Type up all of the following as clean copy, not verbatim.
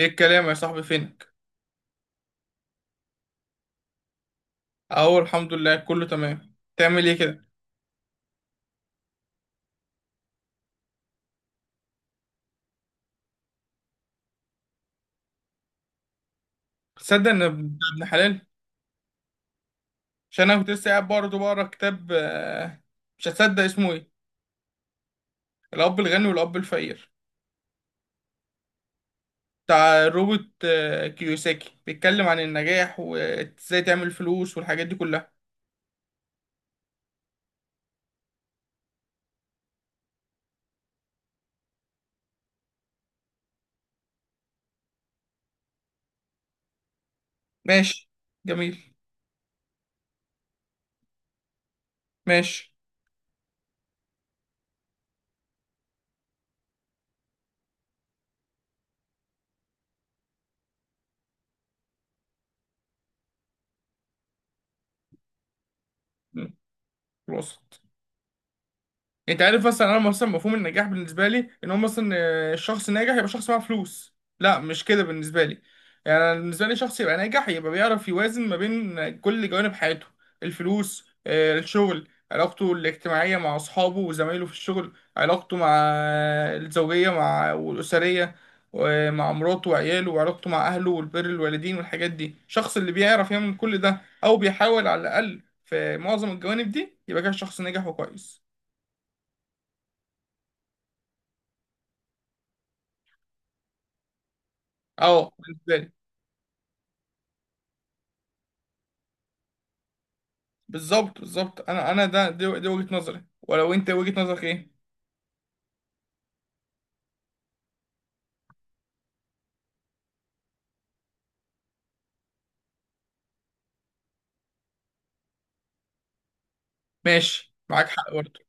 ايه الكلام يا صاحبي؟ فينك؟ اهو الحمد لله، كله تمام. تعمل ايه كده؟ تصدق ان ابن حلال؟ عشان انا كنت لسه قاعد برضه بقرا كتاب. مش هتصدق اسمه ايه. الاب الغني والاب الفقير، بتاع روبرت كيوساكي. بيتكلم عن النجاح وازاي تعمل فلوس والحاجات دي كلها. ماشي. جميل. ماشي. م، وصل. انت عارف مثلا، انا مثلا مفهوم النجاح بالنسبه لي ان هو مثلا الشخص ناجح يبقى شخص معاه فلوس، لا مش كده بالنسبه لي. يعني أنا بالنسبه لي شخص يبقى ناجح يبقى بيعرف يوازن ما بين كل جوانب حياته. الفلوس، الشغل، علاقته الاجتماعيه مع اصحابه وزمايله في الشغل، علاقته مع الزوجيه، مع والاسريه، ومع مراته وعياله، وعلاقته مع اهله والبر الوالدين والحاجات دي. الشخص اللي بيعرف يعمل كل ده، او بيحاول على الاقل في معظم الجوانب دي، يبقى كده شخص ناجح وكويس. اه، بالنسبه لي. بالظبط بالظبط، انا ده دي وجهه نظري، ولو انت وجهه نظرك ايه؟ ماشي، معاك حق برضه.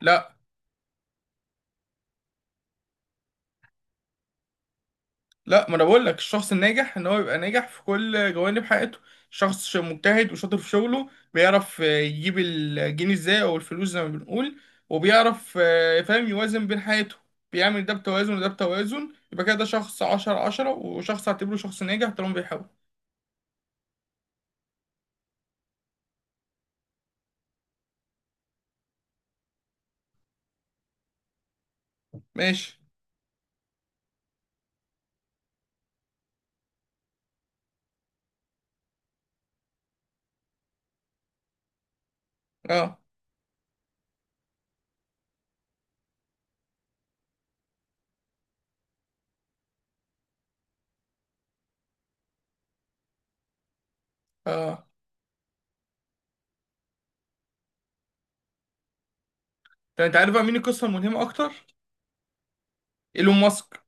لا لا، ما انا بقول لك الشخص الناجح ان هو يبقى ناجح في كل جوانب حياته. شخص مجتهد وشاطر في شغله، بيعرف يجيب الجنيه ازاي، او الفلوس زي ما بنقول. وبيعرف فاهم يوازن بين حياته. بيعمل ده بتوازن وده بتوازن، يبقى كده ده شخص عشرة عشرة، وشخص اعتبره شخص ناجح طالما بيحاول. ماشي. اه اه. طب انت عارف بقى مين القصه الملهمه اكتر؟ ايلون ماسك.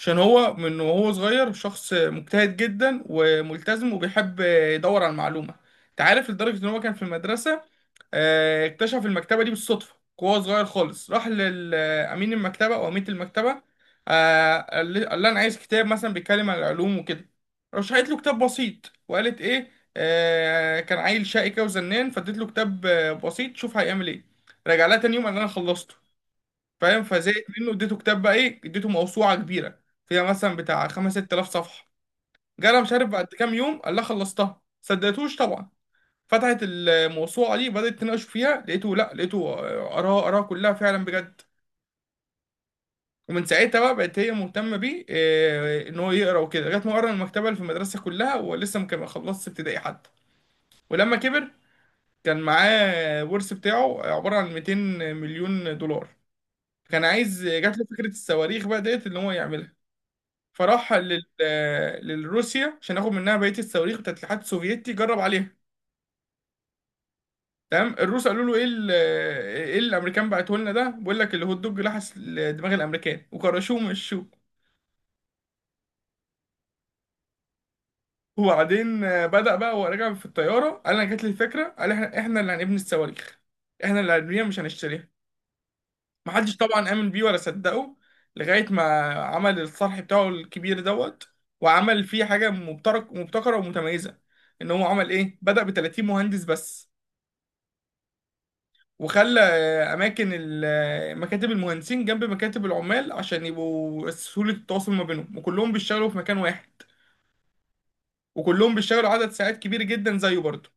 عشان هو من وهو صغير شخص مجتهد جدا وملتزم، وبيحب يدور على المعلومة. انت عارف لدرجة ان هو كان في المدرسة اكتشف المكتبة دي بالصدفة، وهو صغير خالص. راح لأمين المكتبة أو أمينة المكتبة، قال لها أنا عايز كتاب مثلا بيتكلم عن العلوم وكده. رشحت له كتاب بسيط، وقالت إيه، كان عيل شقي كده وزنان، فاديت له كتاب بسيط، شوف هيعمل إيه. رجع لها تاني يوم قال لها أنا خلصته. فاهم؟ فزهقت منه، اديته كتاب، بقى ايه، اديته موسوعه كبيره فيها مثلا بتاع 5 6000 صفحه. جالها مش عارف بعد كام يوم قال لها خلصتها. صدقتوش طبعا. فتحت الموسوعه دي، بدات تناقش فيها، لقيته، لا لقيته قراها، قراها كلها فعلا بجد. ومن ساعتها بقى بقت هي مهتمه بيه، ان هو يقرا وكده، لغايه ما قرا المكتبه اللي في المدرسه كلها، ولسه ما كان ما خلصش ابتدائي حتى. ولما كبر، كان معاه ورث بتاعه عباره عن 200 مليون دولار. كان عايز، جات له فكره الصواريخ، بقى ديت ان هو يعملها. فراح للروسيا عشان ياخد منها بقيه الصواريخ بتاعت الاتحاد السوفيتي، جرب عليها. تمام، الروس قالوا له ايه ايه اللي الامريكان بعته لنا ده، بيقول لك الهوت دوج لحس دماغ الامريكان وكرشوه ومشوه. وبعدين بدأ بقى وهو راجع في الطياره، قال انا جات لي الفكره، قال احنا اللي هنبني الصواريخ. احنا اللي هنبنيها، مش هنشتريها. محدش طبعا امن بيه ولا صدقه، لغايه ما عمل الصرح بتاعه الكبير دوت. وعمل فيه حاجه مبتكره ومتميزه. ان هو عمل ايه، بدأ ب 30 مهندس بس. وخلى آه، اماكن ال- آه، مكاتب المهندسين جنب مكاتب العمال، عشان يبقوا سهولة التواصل ما بينهم، وكلهم بيشتغلوا في مكان واحد. وكلهم بيشتغلوا عدد ساعات كبير جدا زيه برضه.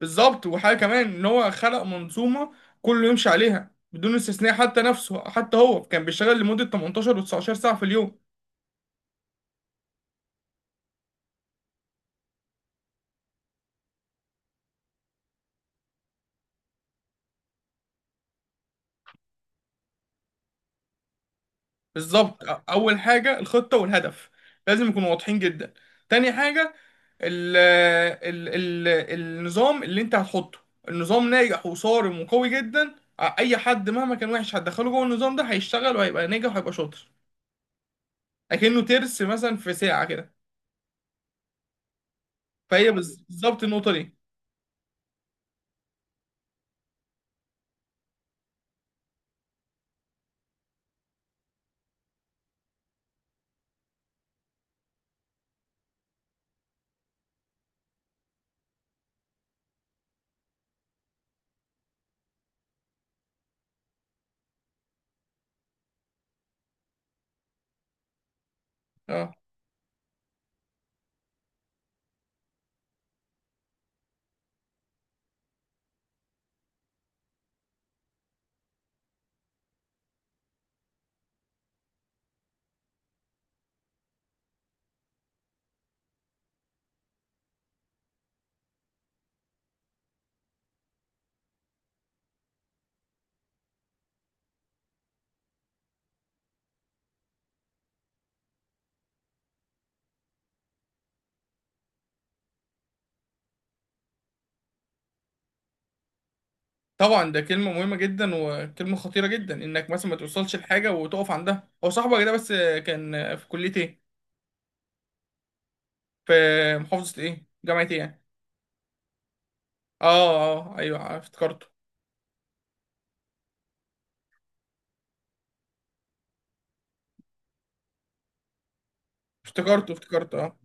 بالظبط. وحاجة كمان ان هو خلق منظومة كله يمشي عليها بدون استثناء، حتى نفسه. حتى هو كان بيشتغل لمدة 18 و19 ساعة في اليوم. بالظبط. اول حاجة الخطة والهدف، لازم يكونوا واضحين جدا. تاني حاجة، ال النظام اللي انت هتحطه. النظام ناجح وصارم وقوي جدا، اي حد مهما كان وحش هتدخله جوه النظام ده هيشتغل وهيبقى ناجح وهيبقى شاطر. اكنه ترس مثلا في ساعة كده. بالظبط النقطة دي. اه طبعا، ده كلمة مهمة جدا وكلمة خطيرة جدا، انك مثلا ما توصلش لحاجة وتقف عندها. هو صاحبك ده بس، كان في كلية ايه؟ في محافظة ايه؟ جامعة ايه يعني؟ اه اه، ايوه افتكرته. افتكرته اه.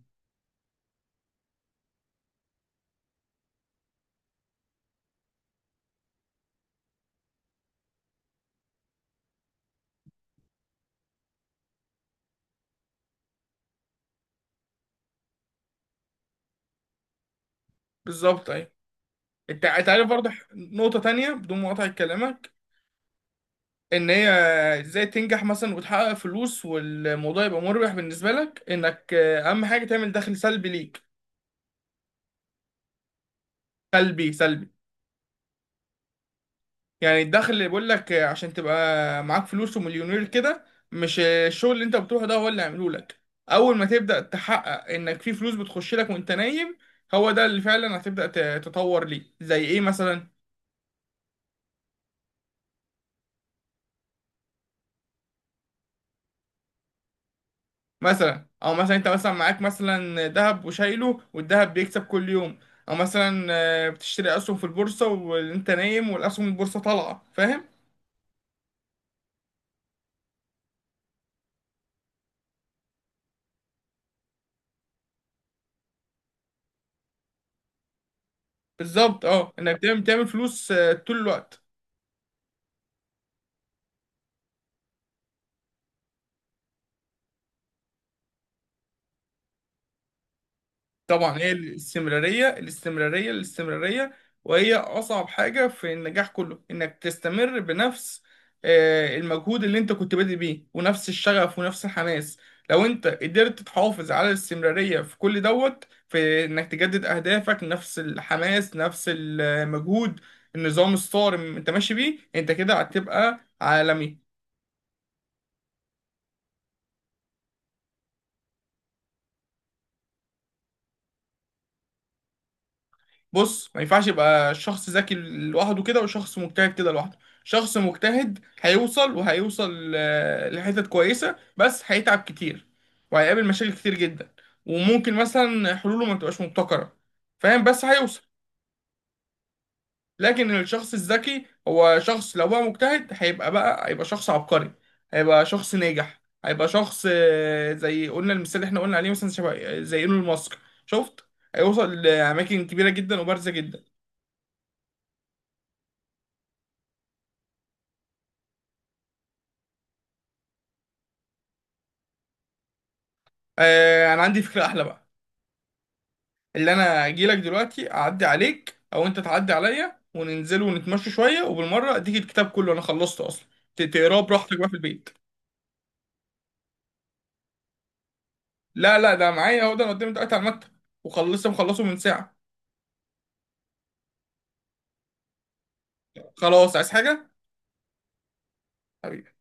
بالظبط ايوه. انت عارف برضه، نقطة تانية بدون مقاطعة كلامك. ان هي ازاي تنجح مثلا وتحقق فلوس، والموضوع يبقى مربح بالنسبة لك، انك اهم حاجة تعمل دخل سلبي ليك. سلبي سلبي. يعني الدخل اللي بيقول لك عشان تبقى معاك فلوس ومليونير كده، مش الشغل اللي انت بتروحه ده هو اللي عامله لك. اول ما تبدأ تحقق انك في فلوس بتخش لك وانت نايم، هو ده اللي فعلا هتبدأ تطور ليه. زي ايه مثلا؟ مثلا، او مثلا انت مثلا معاك مثلا ذهب وشايله، والذهب بيكسب كل يوم. او مثلا بتشتري اسهم في البورصه وانت نايم، والاسهم البورصه طالعه، فاهم. بالظبط، اه انك دايما بتعمل فلوس طول الوقت. طبعا، هي الاستمرارية الاستمرارية الاستمرارية، وهي أصعب حاجة في النجاح كله، إنك تستمر بنفس المجهود اللي أنت كنت بادئ بيه، ونفس الشغف ونفس الحماس. لو أنت قدرت تحافظ على الاستمرارية في كل دوت، في إنك تجدد أهدافك، نفس الحماس نفس المجهود، النظام الصارم أنت ماشي بيه، أنت كده هتبقى عالمي. بص، ما ينفعش يبقى شخص ذكي لوحده كده، وشخص مجتهد كده لوحده. شخص مجتهد هيوصل، وهيوصل لحتت كويسة، بس هيتعب كتير، وهيقابل مشاكل كتير جدا، وممكن مثلا حلوله ما تبقاش مبتكرة، فاهم؟ بس هيوصل. لكن الشخص الذكي، هو شخص لو بقى مجتهد هيبقى شخص عبقري، هيبقى شخص ناجح، هيبقى شخص زي قلنا المثال اللي احنا قلنا عليه مثلا، شبه زي ايلون ماسك. شفت؟ هيوصل لأماكن كبيرة جدا وبارزة جدا. آه، انا عندي فكرة احلى بقى. اللي انا اجي لك دلوقتي اعدي عليك، او انت تعدي عليا، وننزل ونتمشى شوية، وبالمرة اديك الكتاب، كله انا خلصته اصلا. تقراه براحتك بقى في البيت. لا لا، ده معايا، اهو ده انا قدامي دلوقتي على المكتب، وخلصت مخلصه من ساعة. خلاص، عايز حاجة؟ حبيبي.